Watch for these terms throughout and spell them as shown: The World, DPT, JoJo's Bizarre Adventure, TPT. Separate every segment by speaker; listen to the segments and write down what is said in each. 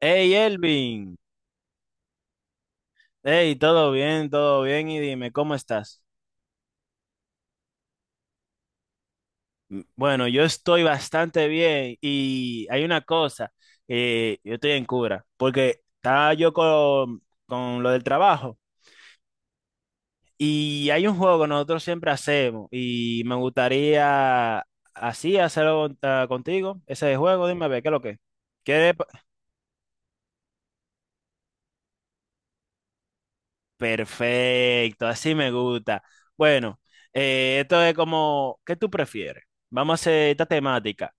Speaker 1: Hey Elvin, hey, todo bien, y dime, ¿cómo estás? Bueno, yo estoy bastante bien y hay una cosa. Yo estoy en cura, porque estaba yo con lo del trabajo, y hay un juego que nosotros siempre hacemos y me gustaría así hacerlo contigo, ese juego. Dime, a ver, ¿qué es lo que? Es? ¿Quieres? Perfecto, así me gusta. Bueno, esto es como ¿qué tú prefieres? Vamos a hacer esta temática.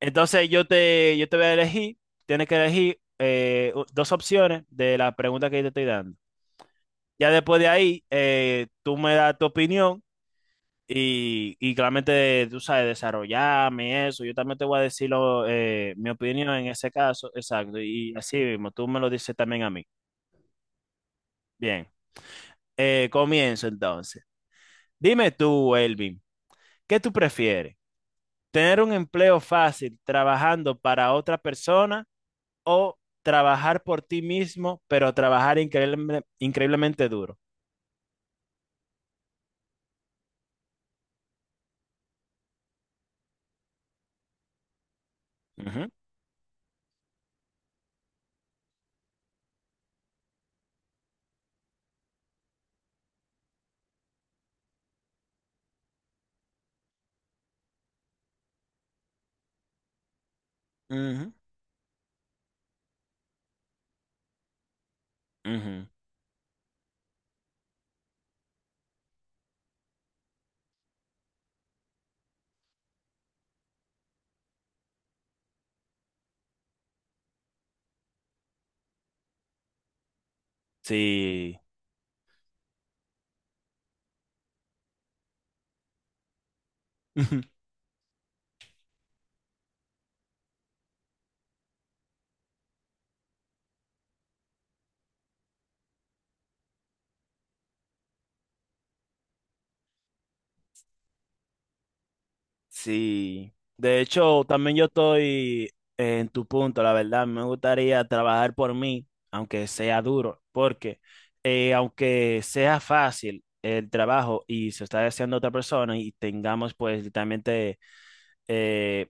Speaker 1: Entonces yo te voy a elegir, tienes que elegir dos opciones de la pregunta que yo te estoy dando. Ya después de ahí, tú me das tu opinión y claramente tú sabes desarrollarme y eso. Yo también te voy a decir mi opinión en ese caso, exacto. Y así mismo, tú me lo dices también a mí. Bien, comienzo entonces. Dime tú, Elvin, ¿qué tú prefieres? ¿Tener un empleo fácil trabajando para otra persona o trabajar por ti mismo, pero trabajar increíblemente duro? Ujú, ujú, ujú. Sí, sí. De hecho, también yo estoy en tu punto, la verdad. Me gustaría trabajar por mí, aunque sea duro, porque aunque sea fácil el trabajo y se está haciendo otra persona y tengamos pues literalmente, eh,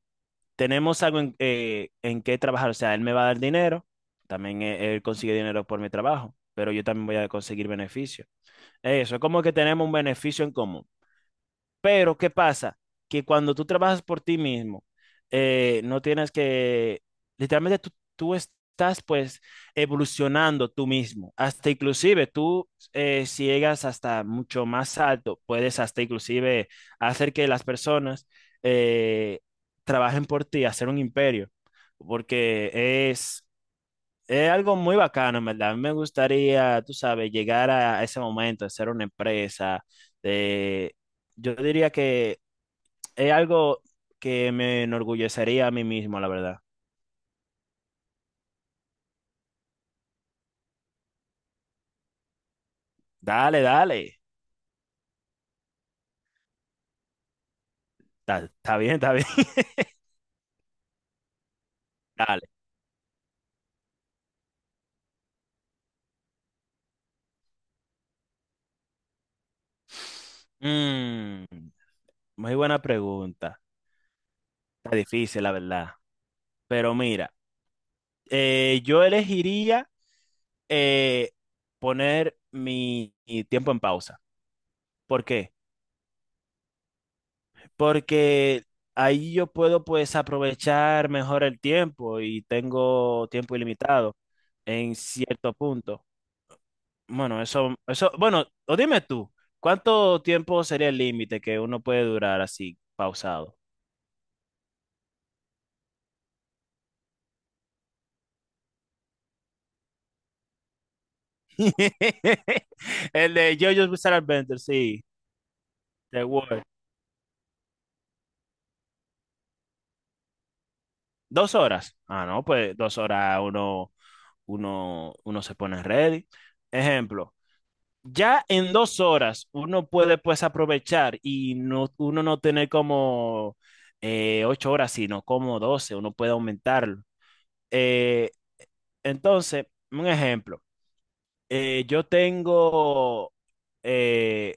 Speaker 1: tenemos algo en qué trabajar. O sea, él me va a dar dinero, también él consigue dinero por mi trabajo, pero yo también voy a conseguir beneficio. Eso, es como que tenemos un beneficio en común. Pero ¿qué pasa? Que cuando tú trabajas por ti mismo, no tienes que, literalmente tú estás pues evolucionando tú mismo. Hasta inclusive tú, si llegas hasta mucho más alto, puedes hasta inclusive hacer que las personas eh, trabajen por ti, hacer un imperio, porque es es algo muy bacano, en verdad. A mí me gustaría, tú sabes, llegar a ese momento de ser una empresa. De, yo diría que es algo que me enorgullecería a mí mismo, la verdad. Dale, dale. Está, está bien, está bien. Dale. Mm, muy buena pregunta. Está difícil, la verdad. Pero mira, yo elegiría eh, poner mi tiempo en pausa. ¿Por qué? Porque ahí yo puedo pues aprovechar mejor el tiempo y tengo tiempo ilimitado en cierto punto. Bueno, bueno, o dime tú, ¿cuánto tiempo sería el límite que uno puede durar así, pausado? El de JoJo's Bizarre Adventure, sí, The World. 2 horas. Ah, no, pues 2 horas uno, se pone ready. Ejemplo. Ya en 2 horas uno puede pues aprovechar y no, uno no tener como 8 horas, sino como 12, uno puede aumentarlo. Eh, entonces, un ejemplo, eh, yo tengo, eh,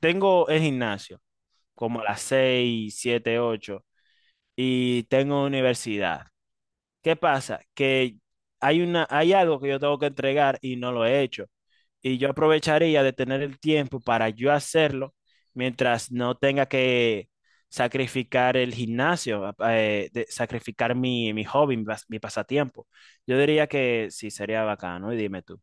Speaker 1: tengo el gimnasio como a las 6, 7, 8, y tengo universidad. ¿Qué pasa? Que hay algo que yo tengo que entregar y no lo he hecho. Y yo aprovecharía de tener el tiempo para yo hacerlo mientras no tenga que sacrificar el gimnasio, sacrificar mi hobby, mi pasatiempo. Yo diría que sí, sería bacano. Y dime tú,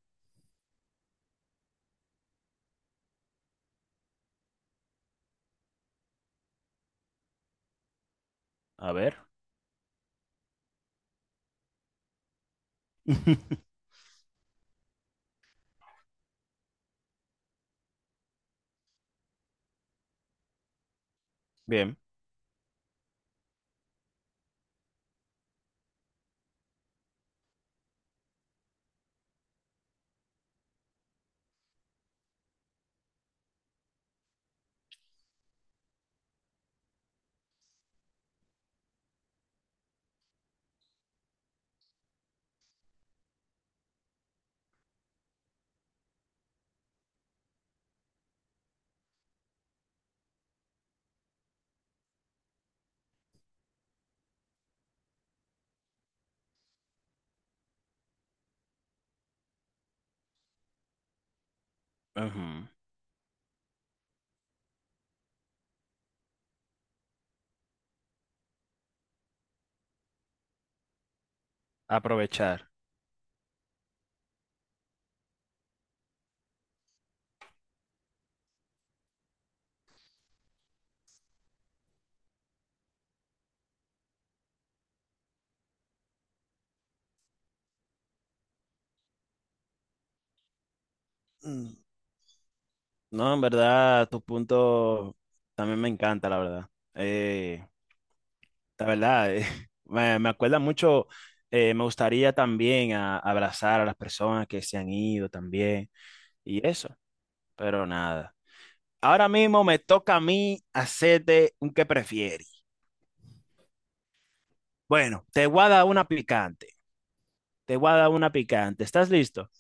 Speaker 1: a ver. Bien. Ujú. Aprovechar. Mm. No, en verdad, tu punto también me encanta, la verdad. Eh, La verdad, me acuerda mucho, me gustaría también abrazar a las personas que se han ido también y eso, pero nada. Ahora mismo me toca a mí hacerte un que prefieres. Bueno, te voy a dar una picante, te voy a dar una picante. ¿Estás listo?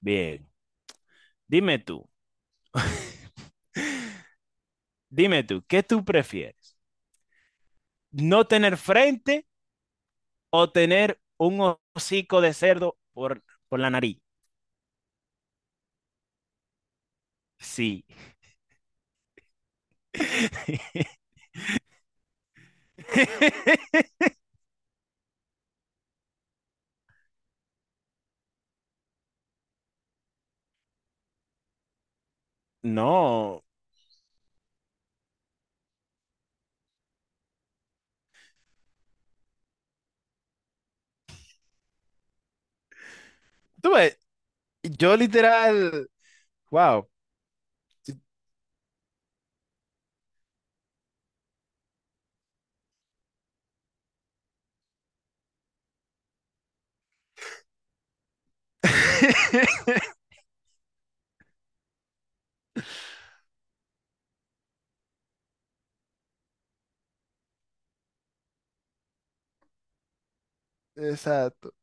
Speaker 1: Bien, dime tú, dime tú, ¿qué tú prefieres? ¿No tener frente o tener un hocico de cerdo por la nariz? Sí. No, tú ves, yo literal, wow. Exacto.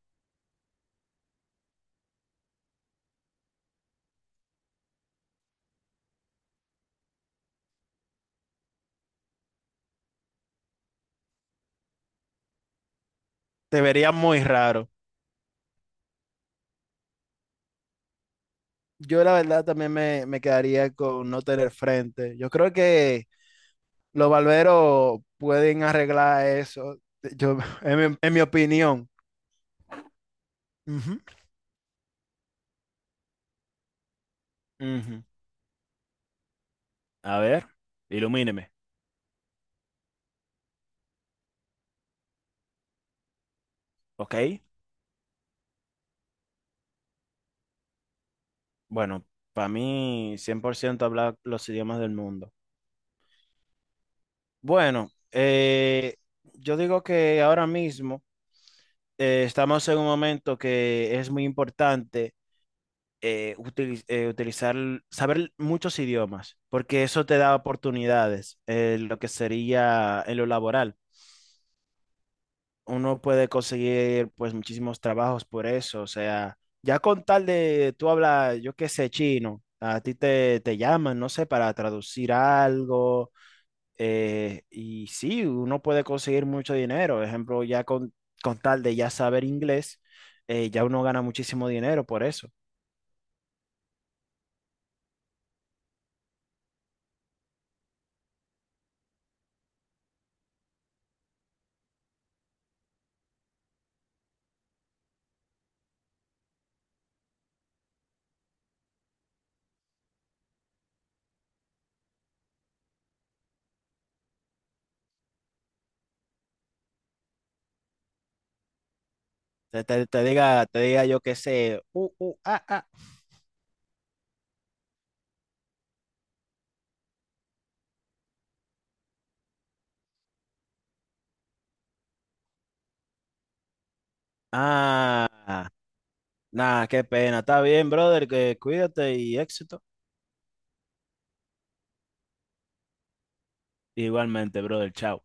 Speaker 1: Te vería muy raro. Yo la verdad también me quedaría con no tener frente. Yo creo que los barberos pueden arreglar eso. Yo, en mi opinión. Ujú. Ujú. A ver, ilumíneme. Ok. Bueno, para mí 100% hablar los idiomas del mundo. Bueno, yo digo que ahora mismo estamos en un momento que es muy importante utilizar, saber muchos idiomas, porque eso te da oportunidades en lo que sería en lo laboral. Uno puede conseguir pues muchísimos trabajos por eso, o sea, ya con tal de tú hablas, yo qué sé, chino, a ti te llaman, no sé, para traducir algo, y sí, uno puede conseguir mucho dinero. Por ejemplo, ya con tal de ya saber inglés, ya uno gana muchísimo dinero por eso. Te diga yo que sé, ah, ah, ah, nada, qué pena. Está bien, brother, que cuídate y éxito. Igualmente, brother, chao.